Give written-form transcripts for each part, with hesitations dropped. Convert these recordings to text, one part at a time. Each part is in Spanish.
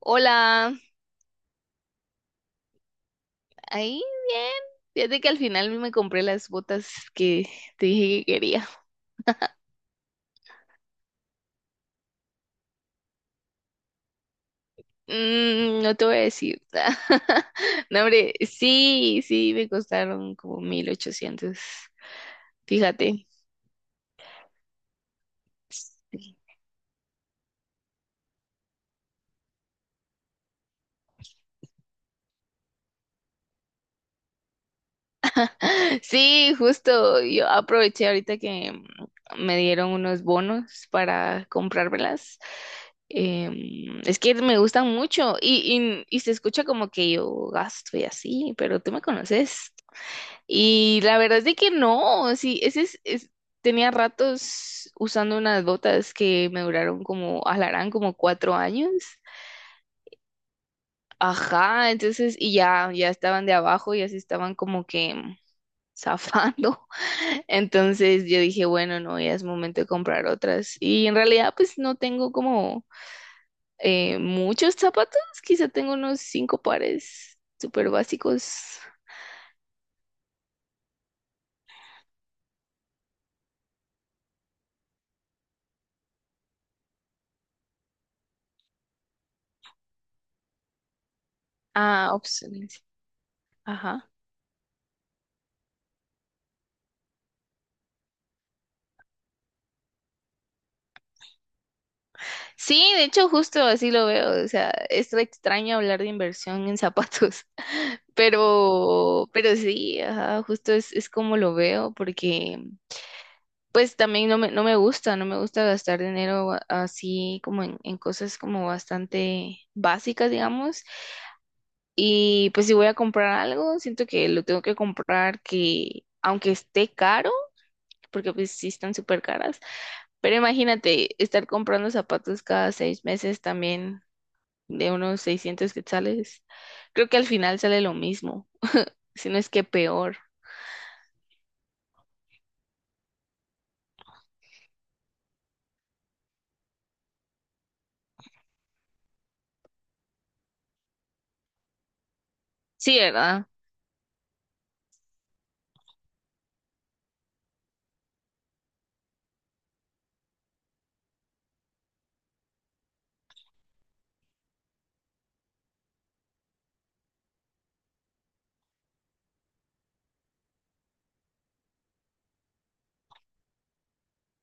Hola, ahí bien. Fíjate que al final me compré las botas que te dije que quería. No te voy a decir. No, hombre, sí, sí, me costaron como 1800. Fíjate. Sí, justo. Yo aproveché ahorita que me dieron unos bonos para comprármelas. Es que me gustan mucho y se escucha como que yo gasto y así, pero tú me conoces. Y la verdad es de que no, sí, tenía ratos usando unas botas que me duraron como, alarán como 4 años. Ajá, entonces, y ya estaban de abajo, ya se estaban como que zafando. Entonces yo dije, bueno, no, ya es momento de comprar otras. Y en realidad, pues no tengo como muchos zapatos, quizá tengo unos 5 pares súper básicos. Ah, opciones. Ajá. Sí, de hecho justo así lo veo, o sea, es extraño hablar de inversión en zapatos, pero sí, ajá, justo es como lo veo, porque pues también no me gusta, no me gusta gastar dinero así como en cosas como bastante básicas, digamos, y pues si voy a comprar algo, siento que lo tengo que comprar que, aunque esté caro, porque pues sí están súper caras, pero imagínate estar comprando zapatos cada 6 meses también de unos 600 quetzales. Creo que al final sale lo mismo, si no es que peor. Sí, ¿verdad?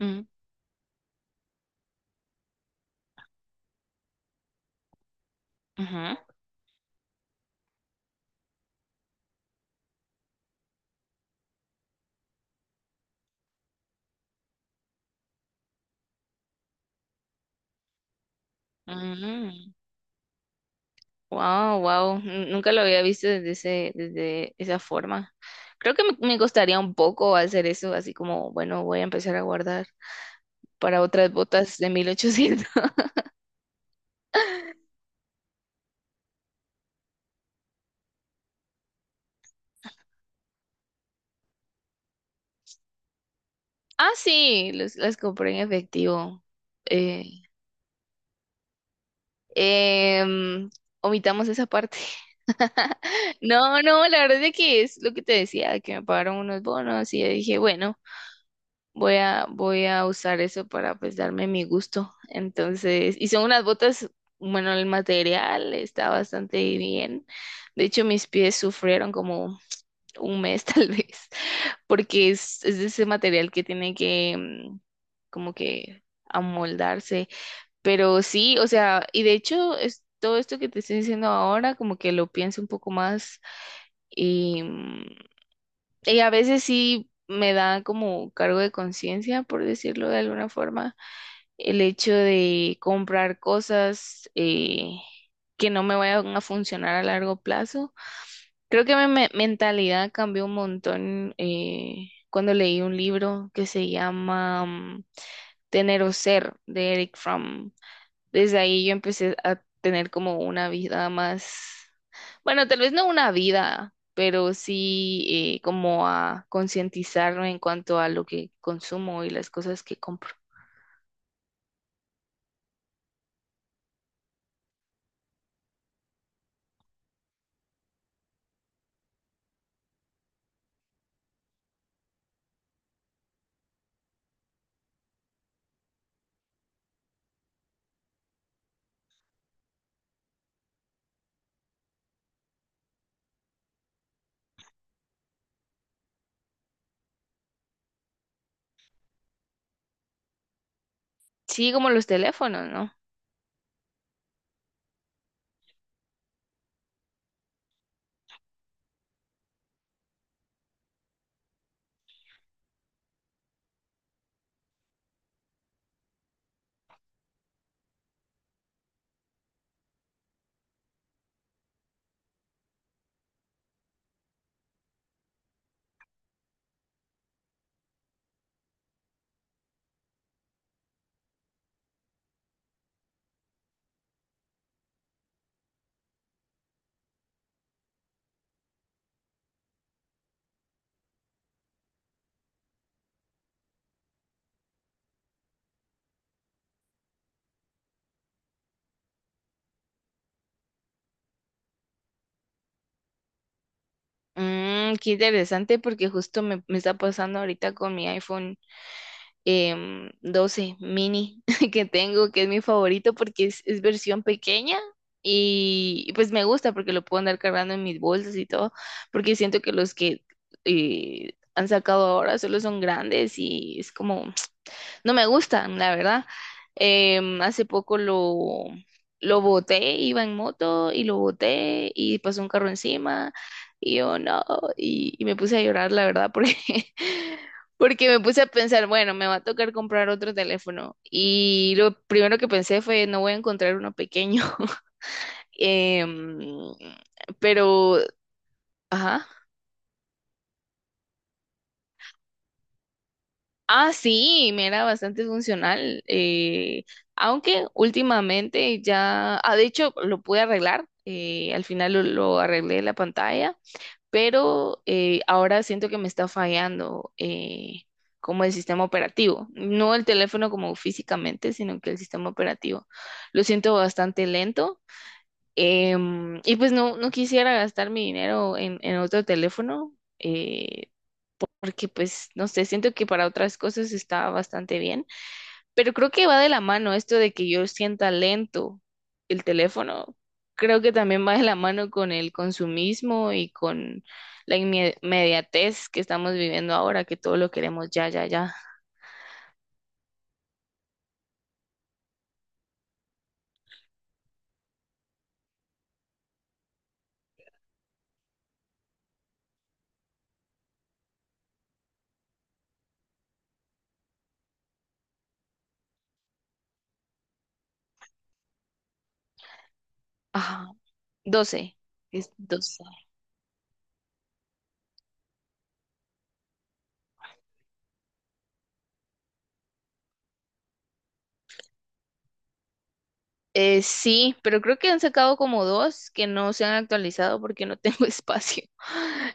Mm, ujú, mm. Wow, wow. Nunca lo había visto desde desde esa forma. Creo que me costaría un poco hacer eso, así como, bueno, voy a empezar a guardar para otras botas de 1800. Ah, sí, las compré en efectivo. eh, Em, Omitamos esa parte. No, no, la verdad es que es lo que te decía, que me pagaron unos bonos y yo dije, bueno, voy a usar eso para pues darme mi gusto. Entonces, y son unas botas, bueno, el material está bastante bien. De hecho, mis pies sufrieron como 1 mes tal vez, porque es de ese material que tiene que como que amoldarse, pero sí, o sea, y de hecho, es, todo esto que te estoy diciendo ahora, como que lo pienso un poco más y, y a veces sí me da como cargo de conciencia, por decirlo de alguna forma, el hecho de comprar cosas que no me vayan a funcionar a largo plazo. Creo que mentalidad cambió un montón cuando leí un libro que se llama Tener o Ser de Eric Fromm. Desde ahí yo empecé a tener como una vida más, bueno, tal vez no una vida, pero sí como a concientizarme en cuanto a lo que consumo y las cosas que compro. Sí, como los teléfonos, ¿no? Mm, qué interesante porque justo me está pasando ahorita con mi iPhone. 12 mini que tengo, que es mi favorito porque es versión pequeña, y pues me gusta porque lo puedo andar cargando en mis bolsas y todo, porque siento que los que han sacado ahora solo son grandes y es como no me gustan, la verdad. Hace poco lo boté, iba en moto y lo boté y pasó un carro encima y yo no, y me puse a llorar, la verdad, porque porque me puse a pensar, bueno, me va a tocar comprar otro teléfono. Y lo primero que pensé fue, no voy a encontrar uno pequeño. Em, pero, ajá. Ah, sí, me era bastante funcional, aunque últimamente ya, ah, de hecho lo pude arreglar, al final lo arreglé la pantalla, pero ahora siento que me está fallando como el sistema operativo, no el teléfono como físicamente, sino que el sistema operativo. Lo siento bastante lento, y pues no, no quisiera gastar mi dinero en otro teléfono. Porque pues no sé, siento que para otras cosas está bastante bien, pero creo que va de la mano esto de que yo sienta lento el teléfono, creo que también va de la mano con el consumismo y con inmediatez que estamos viviendo ahora, que todo lo queremos ya, ya, ya. Ajá, doce, es 12. Sí, pero creo que han sacado como dos que no se han actualizado porque no tengo espacio.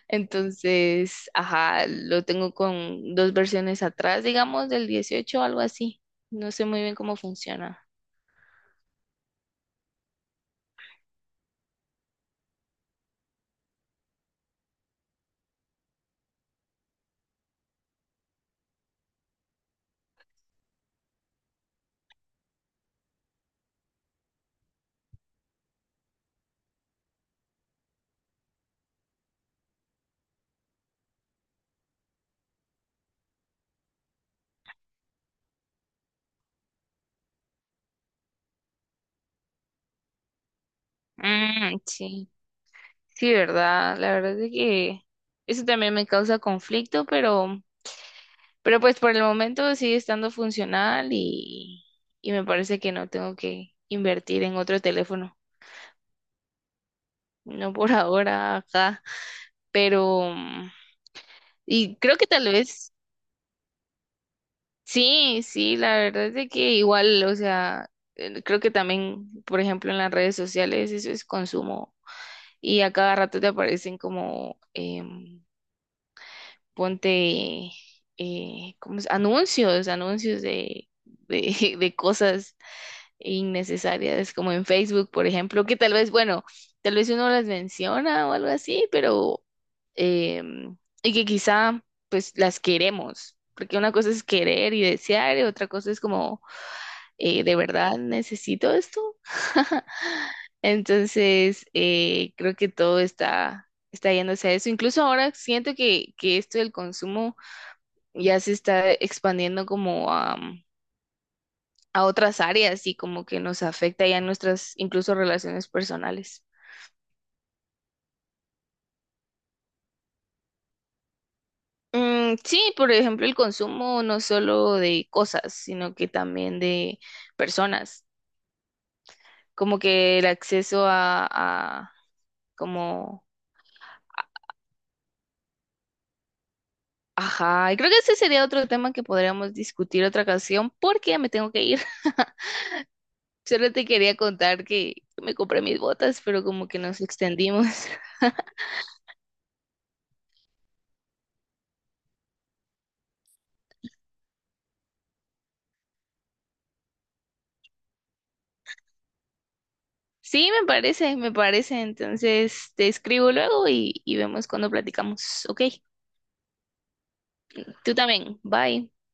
Entonces, ajá, lo tengo con dos versiones atrás, digamos, del 18 o algo así. No sé muy bien cómo funciona. Mm, sí, sí, ¿verdad? La verdad es que eso también me causa conflicto, pero pues por el momento sigue estando funcional, y me parece que no tengo que invertir en otro teléfono. No por ahora, ajá. Pero. Y creo que tal vez, sí, sí, la verdad es de que igual, o sea, creo que también, por ejemplo, en las redes sociales eso es consumo y a cada rato te aparecen como, ponte, ¿cómo es? Anuncios, anuncios de cosas innecesarias, como en Facebook, por ejemplo, que tal vez, bueno, tal vez uno las menciona o algo así, pero, em, y que quizá, pues, las queremos, porque una cosa es querer y desear, y otra cosa es como, ¿de verdad necesito esto? Entonces, creo que todo está yéndose a eso. Incluso ahora siento que esto del consumo ya se está expandiendo como a otras áreas y como que nos afecta ya en nuestras incluso relaciones personales. Mm, sí, por ejemplo, el consumo no solo de cosas, sino que también de personas, como que el acceso a como, ajá, y creo que ese sería otro tema que podríamos discutir otra ocasión porque ya me tengo que ir. Solo te quería contar que me compré mis botas, pero como que nos extendimos. Sí, me parece, me parece. Entonces te escribo luego y vemos cuando platicamos. Ok, tú también. Bye.